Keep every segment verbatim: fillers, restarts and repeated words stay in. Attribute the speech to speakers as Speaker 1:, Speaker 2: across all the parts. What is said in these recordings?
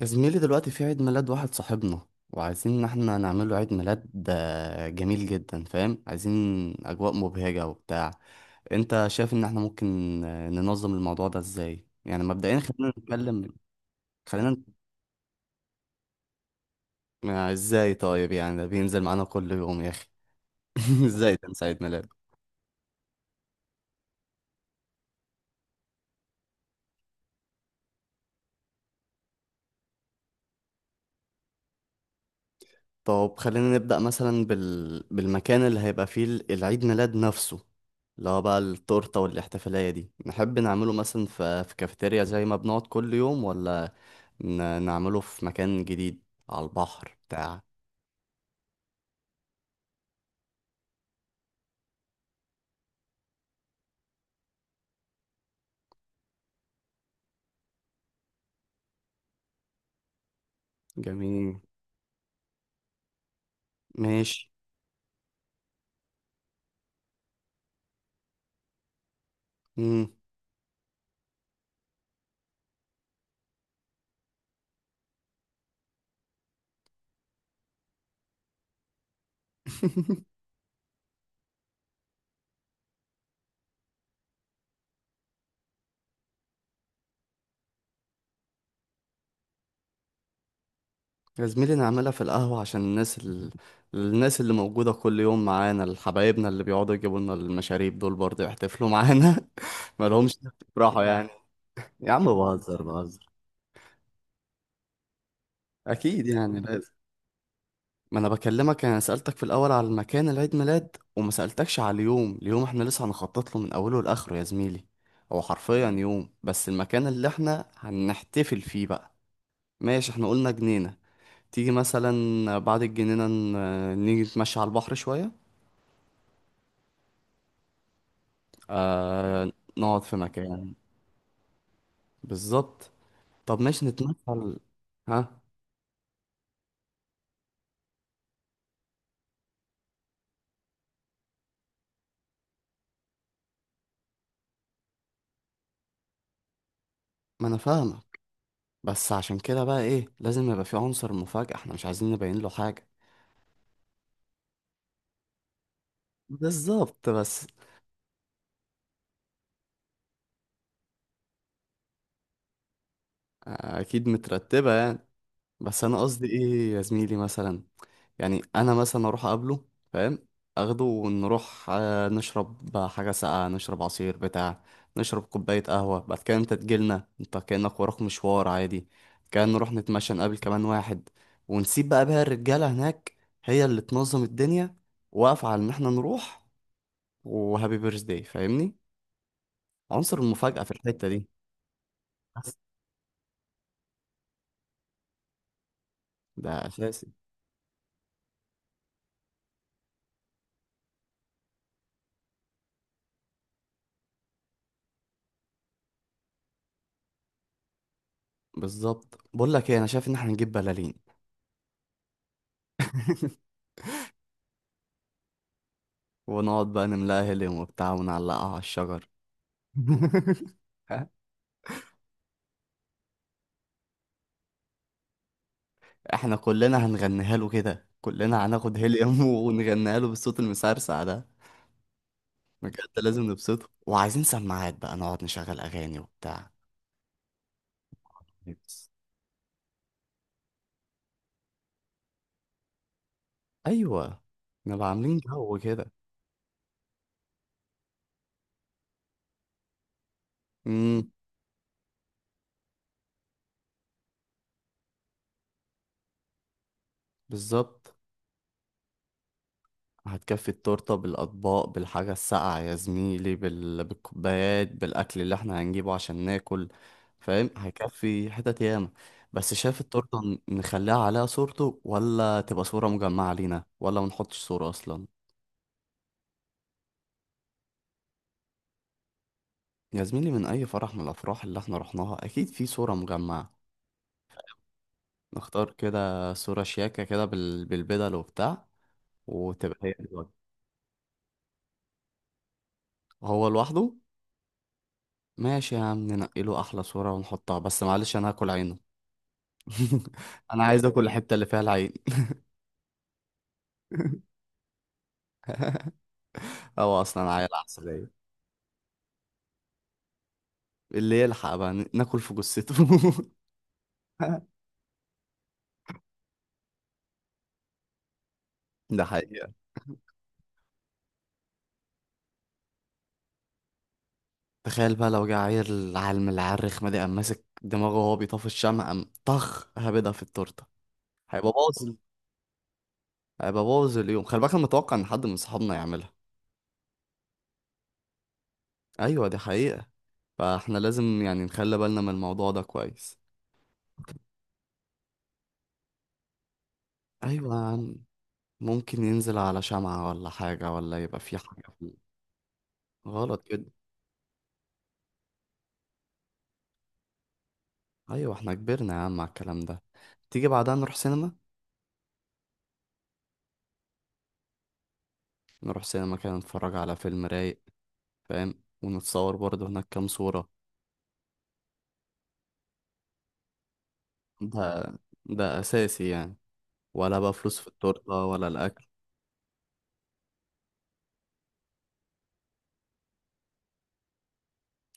Speaker 1: يا زميلي، دلوقتي في عيد ميلاد واحد صاحبنا وعايزين ان احنا نعمله عيد ميلاد آه، جميل جدا. فاهم؟ عايزين اجواء مبهجة وبتاع. انت شايف ان احنا ممكن آه، ننظم الموضوع ده ازاي؟ يعني مبدئيا خلينا نتكلم. خلينا نت- آه، ازاي طيب؟ يعني ده بينزل معانا كل يوم يا اخي. ازاي تنسى عيد ميلاد؟ طب خلينا نبدأ مثلا بال... بالمكان اللي هيبقى فيه ال- العيد ميلاد نفسه، اللي هو بقى التورتة والاحتفالية دي. نحب نعمله مثلا في, في كافيتيريا زي ما بنقعد كل يوم، ولا ن... نعمله في مكان جديد على البحر بتاع؟ جميل. ماشي. مم. يا زميلي، نعملها في القهوة عشان الناس ال... الناس اللي موجودة كل يوم معانا، الحبايبنا اللي بيقعدوا يجيبوا لنا المشاريب دول برضه يحتفلوا معانا. مالهمش راحوا يعني. يا عم، بهزر بهزر. اكيد يعني، ما انا بكلمك، انا سألتك في الاول على المكان العيد ميلاد وما سألتكش على اليوم. اليوم احنا لسه هنخطط له من اوله لاخره يا زميلي. هو حرفيا يوم، بس المكان اللي احنا هنحتفل فيه بقى. ماشي، احنا قلنا جنينة. تيجي مثلا بعد الجنينة ن- نيجي نتمشى على البحر شوية. آه، نقعد في مكان. بالظبط. طب، ماشي نتمشى على- ها؟ ما انا فاهمك. بس عشان كده بقى، ايه؟ لازم يبقى في عنصر مفاجأة، احنا مش عايزين نبين له حاجة. بالظبط. بس اكيد مترتبه يعني. بس انا قصدي ايه يا زميلي، مثلا يعني انا مثلا اروح اقابله، فاهم؟ اخده ونروح آه، نشرب حاجه ساقعه، نشرب عصير بتاع، نشرب كوبايه قهوه. بعد كده انت تجيلنا، انت كانك وراك مشوار عادي، كان نروح نتمشى نقابل كمان واحد، ونسيب بقى بقى الرجاله هناك. هي اللي تنظم الدنيا، واقفه على ان احنا نروح وهابي بيرث داي. فاهمني؟ عنصر المفاجاه في الحته دي. بس ده اساسي. بالظبط. بقول لك ايه؟ انا شايف ان احنا نجيب بلالين. ونقعد بقى نملاها هيليوم وبتاع، ونعلقها على الشجر. ها؟ احنا كلنا هنغنيها له كده، كلنا هناخد هيليوم ونغنيها له بالصوت المسرسع ده. بجد لازم نبسطه، وعايزين سماعات بقى نقعد نشغل اغاني وبتاع. Yes. ايوه، نبقى عاملين جو كده. امم. بالظبط. هتكفي التورتة بالأطباق، بالحاجة الساقعة يا زميلي، بال... بالكوبايات، بالأكل اللي احنا هنجيبه عشان ناكل. فاهم؟ هيكفي حتت ياما. بس شايف التورتة، ن- نخليها عليها صورته، ولا تبقى صورة مجمعة لينا، ولا ما نحطش صورة أصلا؟ يا زميلي، من أي فرح من الأفراح اللي احنا رحناها أكيد في صورة مجمعة. نختار كده صورة شياكة كده بال... بالبدل وبتاع، وتبقى هي الوجه. هو لوحده. ماشي يا عم، ننقي له أحلى صورة ونحطها. بس معلش، أنا هاكل عينه. انا عايز اكل الحته اللي فيها العين. هو اصلا عيل عسليه. اللي يلحق بقى ن- ناكل في جثته. ده حقيقه. تخيل بقى لو جه عيل عالم العرخ ما دي، قام ماسك دماغه وهو بيطفي الشمع، قام طخ هبدها في التورته. هيبقى باظ. هيبقى باظ اليوم، خلي بالك. انا متوقع ان حد من صحابنا يعملها. ايوه، دي حقيقه. فاحنا لازم يعني نخلي بالنا من الموضوع ده كويس. ايوه يا عم، ممكن ينزل على شمعة ولا حاجه، ولا يبقى في حاجه في- غلط كده. ايوه، احنا كبرنا يا عم على الكلام ده. تيجي بعدها نروح سينما؟ نروح سينما كده، نتفرج على فيلم رايق. فاهم؟ ونتصور برضه هناك كام صورة. ده ده اساسي يعني، ولا بقى فلوس في التورتة ولا الاكل.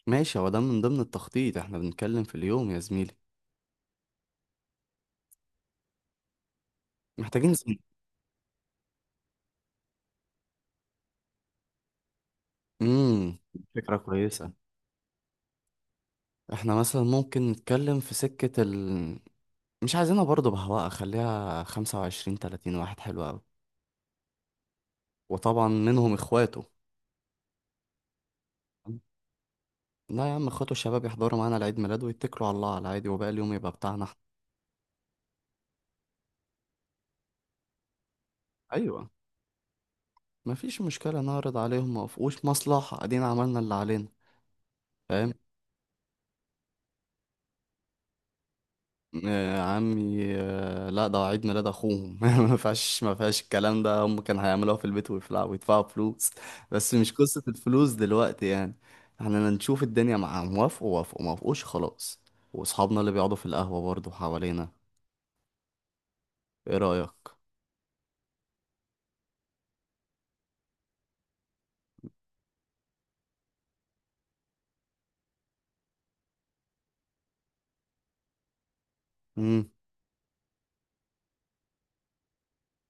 Speaker 1: ماشي، هو ده من ضمن التخطيط، احنا بنتكلم في اليوم يا زميلي. محتاجين زميلي. امم. فكرة كويسة. احنا مثلا ممكن نتكلم في سكة ال مش عايزينها برضه بهواء، خليها خمسة وعشرين تلاتين واحد، حلو أوي. وطبعا منهم اخواته. لا يا عم، اخواته الشباب يحضروا معانا العيد ميلاد ويتكلوا على الله، على العادي، وباقي اليوم يبقى بتاعنا احنا. ايوه، مفيش مشكله، نعرض عليهم. ما وقفوش مصلحه، ادينا عملنا اللي علينا. فاهم؟ آه عمي، آه، لا، ده عيد ميلاد اخوهم. ما فيهاش ما فيهاش الكلام ده. هم كانوا هيعملوها في البيت ويفلعوا ويدفعوا فلوس. بس مش قصه الفلوس دلوقتي يعني. احنا نشوف الدنيا مع، موافقوا وافقوا، ما وافقوش خلاص. واصحابنا اللي بيقعدوا في القهوه برضه حوالينا. ايه رايك؟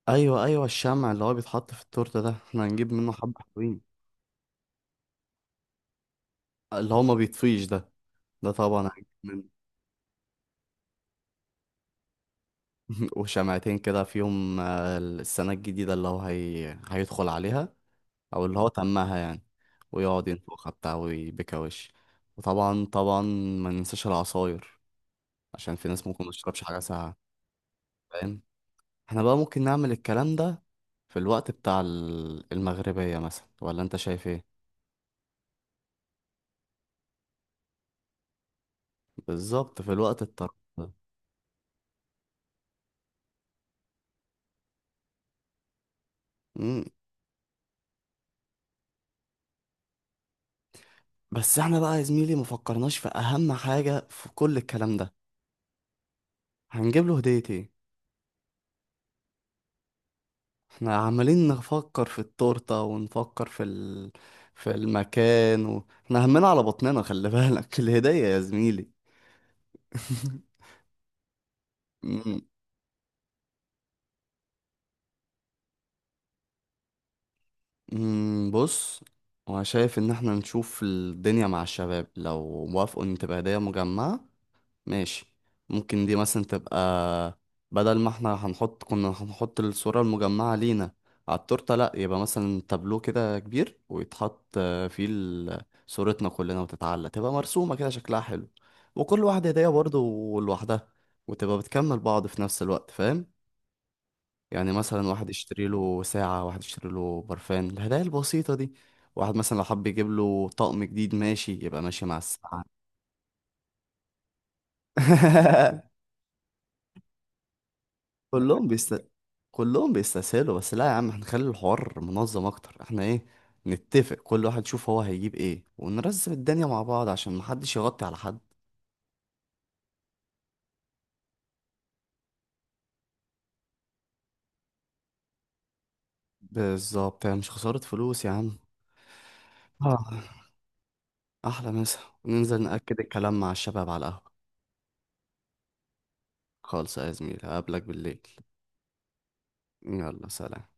Speaker 1: ايوه، ايوه، الشمع اللي هو بيتحط في التورته ده احنا هنجيب منه حبه حلوين. اللي هو ما بيطفيش ده، ده طبعا هنجيب منه. وشمعتين كده في يوم آه، السنه الجديده اللي هو هي... هيدخل عليها. او اللي هو تمها يعني، ويقعد ينفخها بتاع ويبكى وش. وطبعا طبعا، ما ننساش العصاير عشان في ناس ممكن ما تشربش حاجه ساقعه. فاهم؟ احنا بقى ممكن نعمل الكلام ده في الوقت بتاع ال- المغربيه مثلا، ولا انت شايف ايه؟ بالظبط، في الوقت الطرب ده. بس احنا بقى يا زميلي مفكرناش في اهم حاجة في كل الكلام ده. هنجيب له هدية ايه؟ احنا عمالين نفكر في التورتة ونفكر في ال... في المكان و... احنا همنا على بطننا، خلي بالك. الهدية يا زميلي! أمم، أمم، بص. انا شايف ان احنا نشوف الدنيا مع الشباب لو موافقوا ان تبقى هدية مجمعة. ماشي، ممكن دي مثلا تبقى بدل ما احنا هنحط كنا هنحط الصورة المجمعة لينا على التورتة. لأ، يبقى مثلا تابلو كده كبير، ويتحط آه، فيه ال- صورتنا كلنا، وتتعلق تبقى مرسومة كده شكلها حلو. وكل واحدة هدية برضه لوحدها، وتبقى بتكمل بعض في نفس الوقت. فاهم؟ يعني مثلا واحد يشتري له ساعة، واحد يشتري له برفان، الهدايا البسيطة دي. واحد مثلا لو حب يجيب له طقم جديد، ماشي، يبقى ماشي مع الساعة. كلهم كلهم بيستسهلوا. بس لا يا عم، احنا نخلي الحوار منظم اكتر. احنا ايه؟ نتفق كل واحد يشوف هو هيجيب ايه، ونرزم الدنيا مع بعض عشان محدش يغطي على حد. بالظبط، يعني مش خسارة فلوس يا عم. آه، احلى مسا، ننزل نأكد الكلام مع الشباب على القهوة. خالص يا زميلي، هقابلك بالليل. يلا، سلام.